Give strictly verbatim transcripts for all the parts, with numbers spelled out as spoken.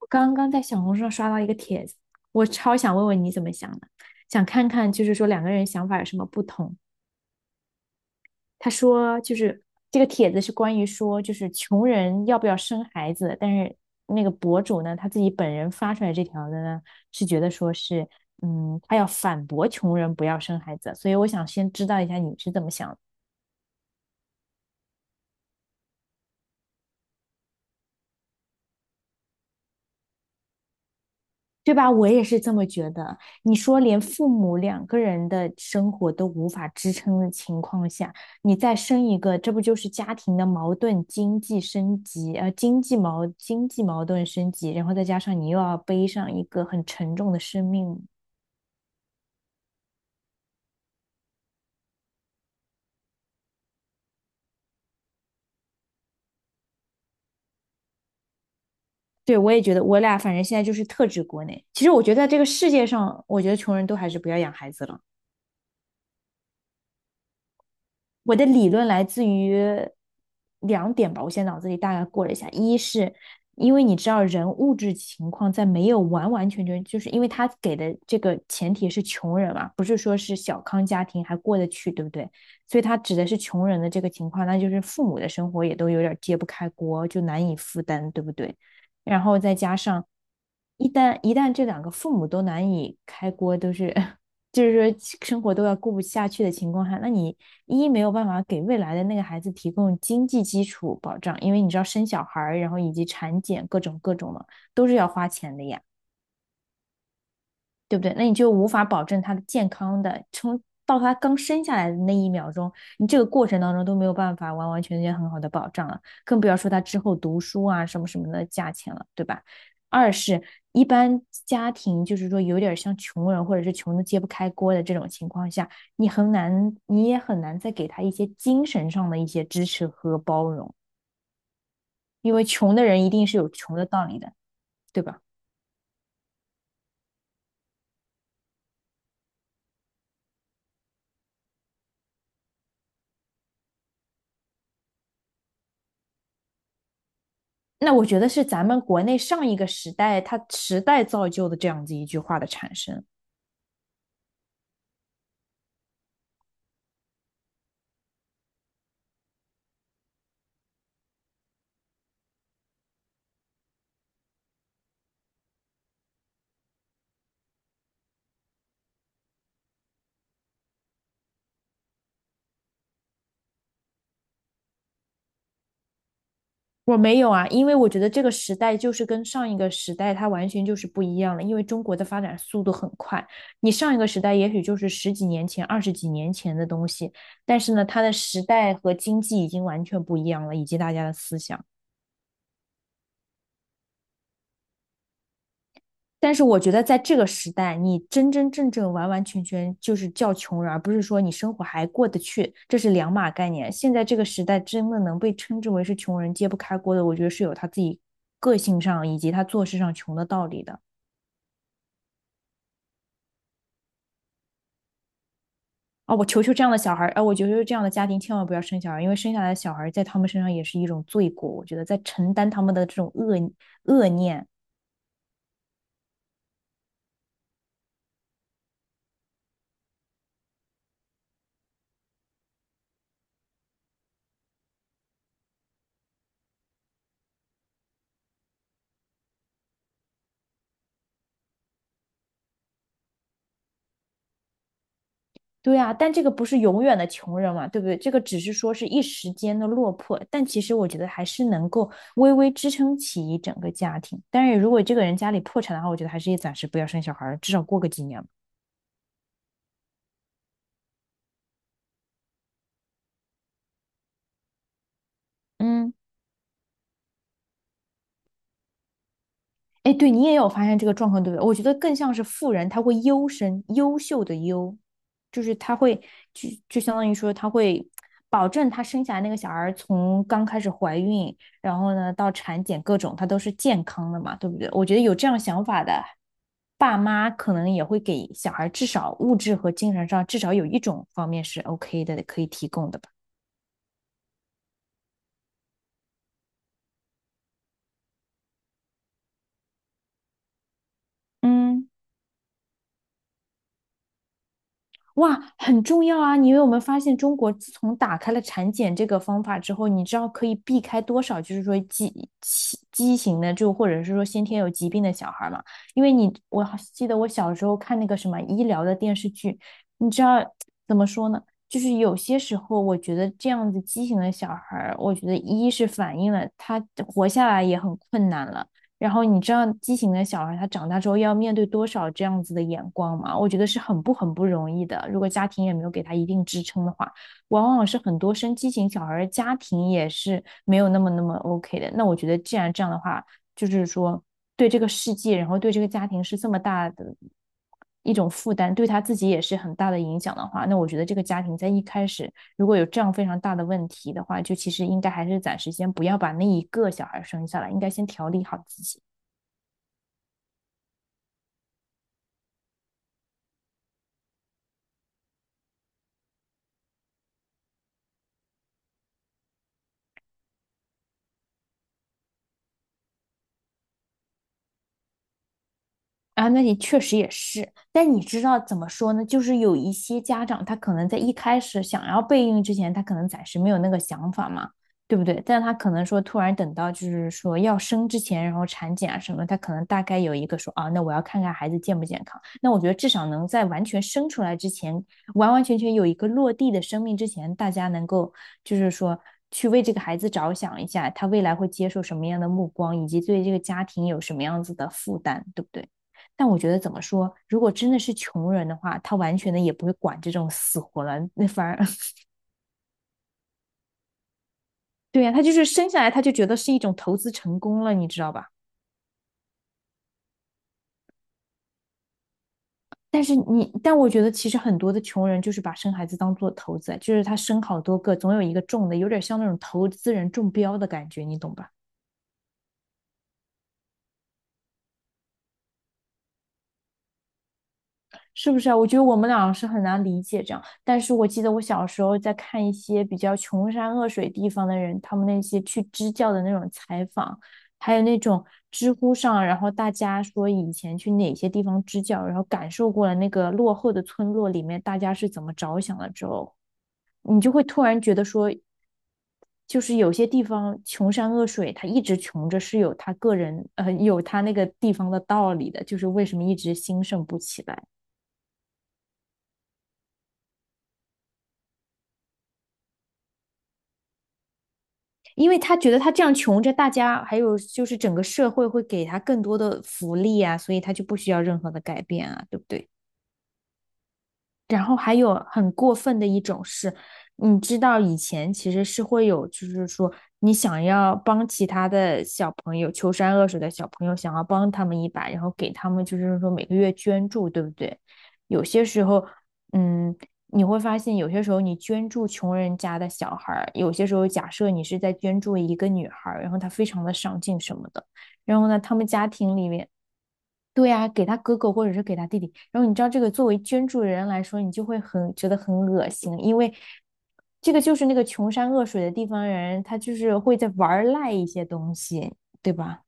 我刚刚在小红书上刷到一个帖子，我超想问问你怎么想的，想看看就是说两个人想法有什么不同。他说就是这个帖子是关于说就是穷人要不要生孩子，但是那个博主呢他自己本人发出来这条的呢是觉得说是嗯他要反驳穷人不要生孩子，所以我想先知道一下你是怎么想的。对吧？我也是这么觉得。你说连父母两个人的生活都无法支撑的情况下，你再生一个，这不就是家庭的矛盾、经济升级，呃，经济矛经济矛盾升级，然后再加上你又要背上一个很沉重的生命。对，我也觉得，我俩反正现在就是特指国内。其实我觉得在这个世界上，我觉得穷人都还是不要养孩子了。我的理论来自于两点吧，我现在脑子里大概过了一下，一是因为你知道人物质情况在没有完完全全，就是因为他给的这个前提是穷人嘛，不是说是小康家庭还过得去，对不对？所以他指的是穷人的这个情况，那就是父母的生活也都有点揭不开锅，就难以负担，对不对？然后再加上一旦一旦这两个父母都难以开锅，都是 就是说生活都要过不下去的情况下，那你一没有办法给未来的那个孩子提供经济基础保障，因为你知道生小孩儿然后以及产检各种各种的都是要花钱的呀。对不对？那你就无法保证他的健康的，从到他刚生下来的那一秒钟，你这个过程当中都没有办法完完全全很好的保障了，更不要说他之后读书啊什么什么的价钱了，对吧？二是，一般家庭就是说有点像穷人或者是穷的揭不开锅的这种情况下，你很难，你也很难再给他一些精神上的一些支持和包容，因为穷的人一定是有穷的道理的，对吧？那我觉得是咱们国内上一个时代，它时代造就的这样子一句话的产生。我没有啊，因为我觉得这个时代就是跟上一个时代它完全就是不一样了，因为中国的发展速度很快。你上一个时代也许就是十几年前、二十几年前的东西，但是呢，它的时代和经济已经完全不一样了，以及大家的思想。但是我觉得在这个时代，你真真正正完完全全就是叫穷人，而不是说你生活还过得去，这是两码概念。现在这个时代，真的能被称之为是穷人揭不开锅的，我觉得是有他自己个性上以及他做事上穷的道理的。啊，我求求这样的小孩啊，哎我求求这样的家庭千万不要生小孩，因为生下来的小孩在他们身上也是一种罪过，我觉得在承担他们的这种恶恶念。对啊，但这个不是永远的穷人嘛，对不对？这个只是说是一时间的落魄，但其实我觉得还是能够微微支撑起一整个家庭。但是如果这个人家里破产的话，我觉得还是也暂时不要生小孩儿，至少过个几年吧嗯。哎，对你也有发现这个状况，对不对？我觉得更像是富人，他会优生，优秀的优，就是他会就就相当于说他会保证他生下来那个小孩儿从刚开始怀孕，然后呢到产检各种，他都是健康的嘛，对不对？我觉得有这样想法的爸妈，可能也会给小孩至少物质和精神上至少有一种方面是 OK 的，可以提供的吧。嗯。哇，很重要啊！你有没有发现，中国自从打开了产检这个方法之后，你知道可以避开多少，就是说畸畸畸形的，就或者是说先天有疾病的小孩嘛？因为你，我好记得我小时候看那个什么医疗的电视剧，你知道怎么说呢？就是有些时候，我觉得这样子畸形的小孩儿，我觉得一是反映了他活下来也很困难了，然后你知道畸形的小孩他长大之后要面对多少这样子的眼光吗？我觉得是很不很不容易的。如果家庭也没有给他一定支撑的话，往往是很多生畸形小孩的家庭也是没有那么那么 OK 的。那我觉得既然这样的话，就是说对这个世界，然后对这个家庭是这么大的一种负担，对他自己也是很大的影响的话，那我觉得这个家庭在一开始如果有这样非常大的问题的话，就其实应该还是暂时先不要把那一个小孩生下来，应该先调理好自己。啊，那你确实也是，但你知道怎么说呢？就是有一些家长，他可能在一开始想要备孕之前，他可能暂时没有那个想法嘛，对不对？但他可能说突然等到就是说要生之前，然后产检啊什么，他可能大概有一个说啊，那我要看看孩子健不健康。那我觉得至少能在完全生出来之前，完完全全有一个落地的生命之前，大家能够就是说去为这个孩子着想一下，他未来会接受什么样的目光，以及对这个家庭有什么样子的负担，对不对？但我觉得怎么说，如果真的是穷人的话，他完全的也不会管这种死活了，那反而 对呀、他就是生下来他就觉得是一种投资成功了，你知道吧？但是你，但我觉得其实很多的穷人就是把生孩子当做投资，就是他生好多个，总有一个中的，有点像那种投资人中标的感觉，你懂吧？是不是啊？我觉得我们俩是很难理解这样，但是我记得我小时候在看一些比较穷山恶水地方的人，他们那些去支教的那种采访，还有那种知乎上，然后大家说以前去哪些地方支教，然后感受过了那个落后的村落里面大家是怎么着想了之后，你就会突然觉得说，就是有些地方穷山恶水，他一直穷着是有他个人，呃，有他那个地方的道理的，就是为什么一直兴盛不起来。因为他觉得他这样穷着，大家还有就是整个社会会给他更多的福利啊，所以他就不需要任何的改变啊，对不对？然后还有很过分的一种是，你知道以前其实是会有，就是说你想要帮其他的小朋友，穷山恶水的小朋友，想要帮他们一把，然后给他们就是说每个月捐助，对不对？有些时候，嗯，你会发现有些时候你捐助穷人家的小孩儿，有些时候假设你是在捐助一个女孩儿，然后她非常的上进什么的，然后呢，他们家庭里面。对呀、给他哥哥或者是给他弟弟。然后你知道这个作为捐助人来说，你就会很觉得很恶心，因为这个就是那个穷山恶水的地方人，他就是会在玩赖一些东西，对吧？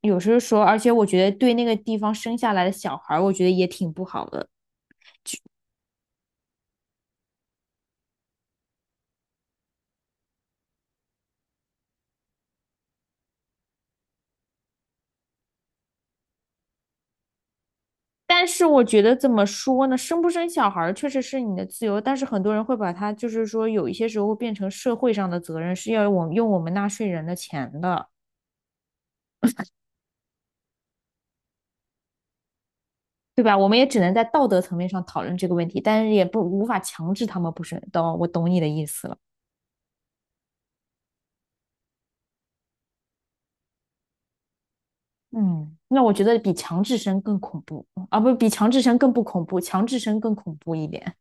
有时候说，而且我觉得对那个地方生下来的小孩儿我觉得也挺不好的。但是我觉得怎么说呢，生不生小孩儿确实是你的自由，但是很多人会把它就是说有一些时候变成社会上的责任，是要我用我们纳税人的钱的。对吧？我们也只能在道德层面上讨论这个问题，但是也不无法强制他们不生。懂，我懂你的意思了。嗯，那我觉得比强制生更恐怖啊，不，比强制生更不恐怖，强制生更恐怖一点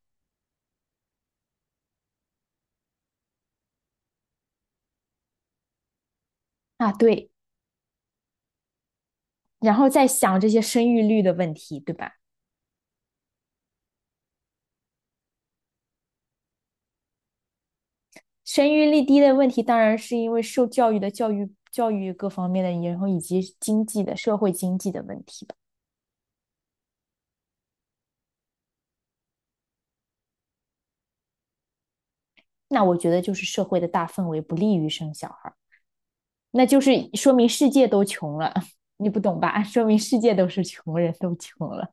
啊。对，然后再想这些生育率的问题，对吧？生育率低的问题，当然是因为受教育的教育、教育各方面的，然后以及经济的、社会经济的问题吧。那我觉得就是社会的大氛围不利于生小孩。那就是说明世界都穷了，你不懂吧？说明世界都是穷人，都穷了。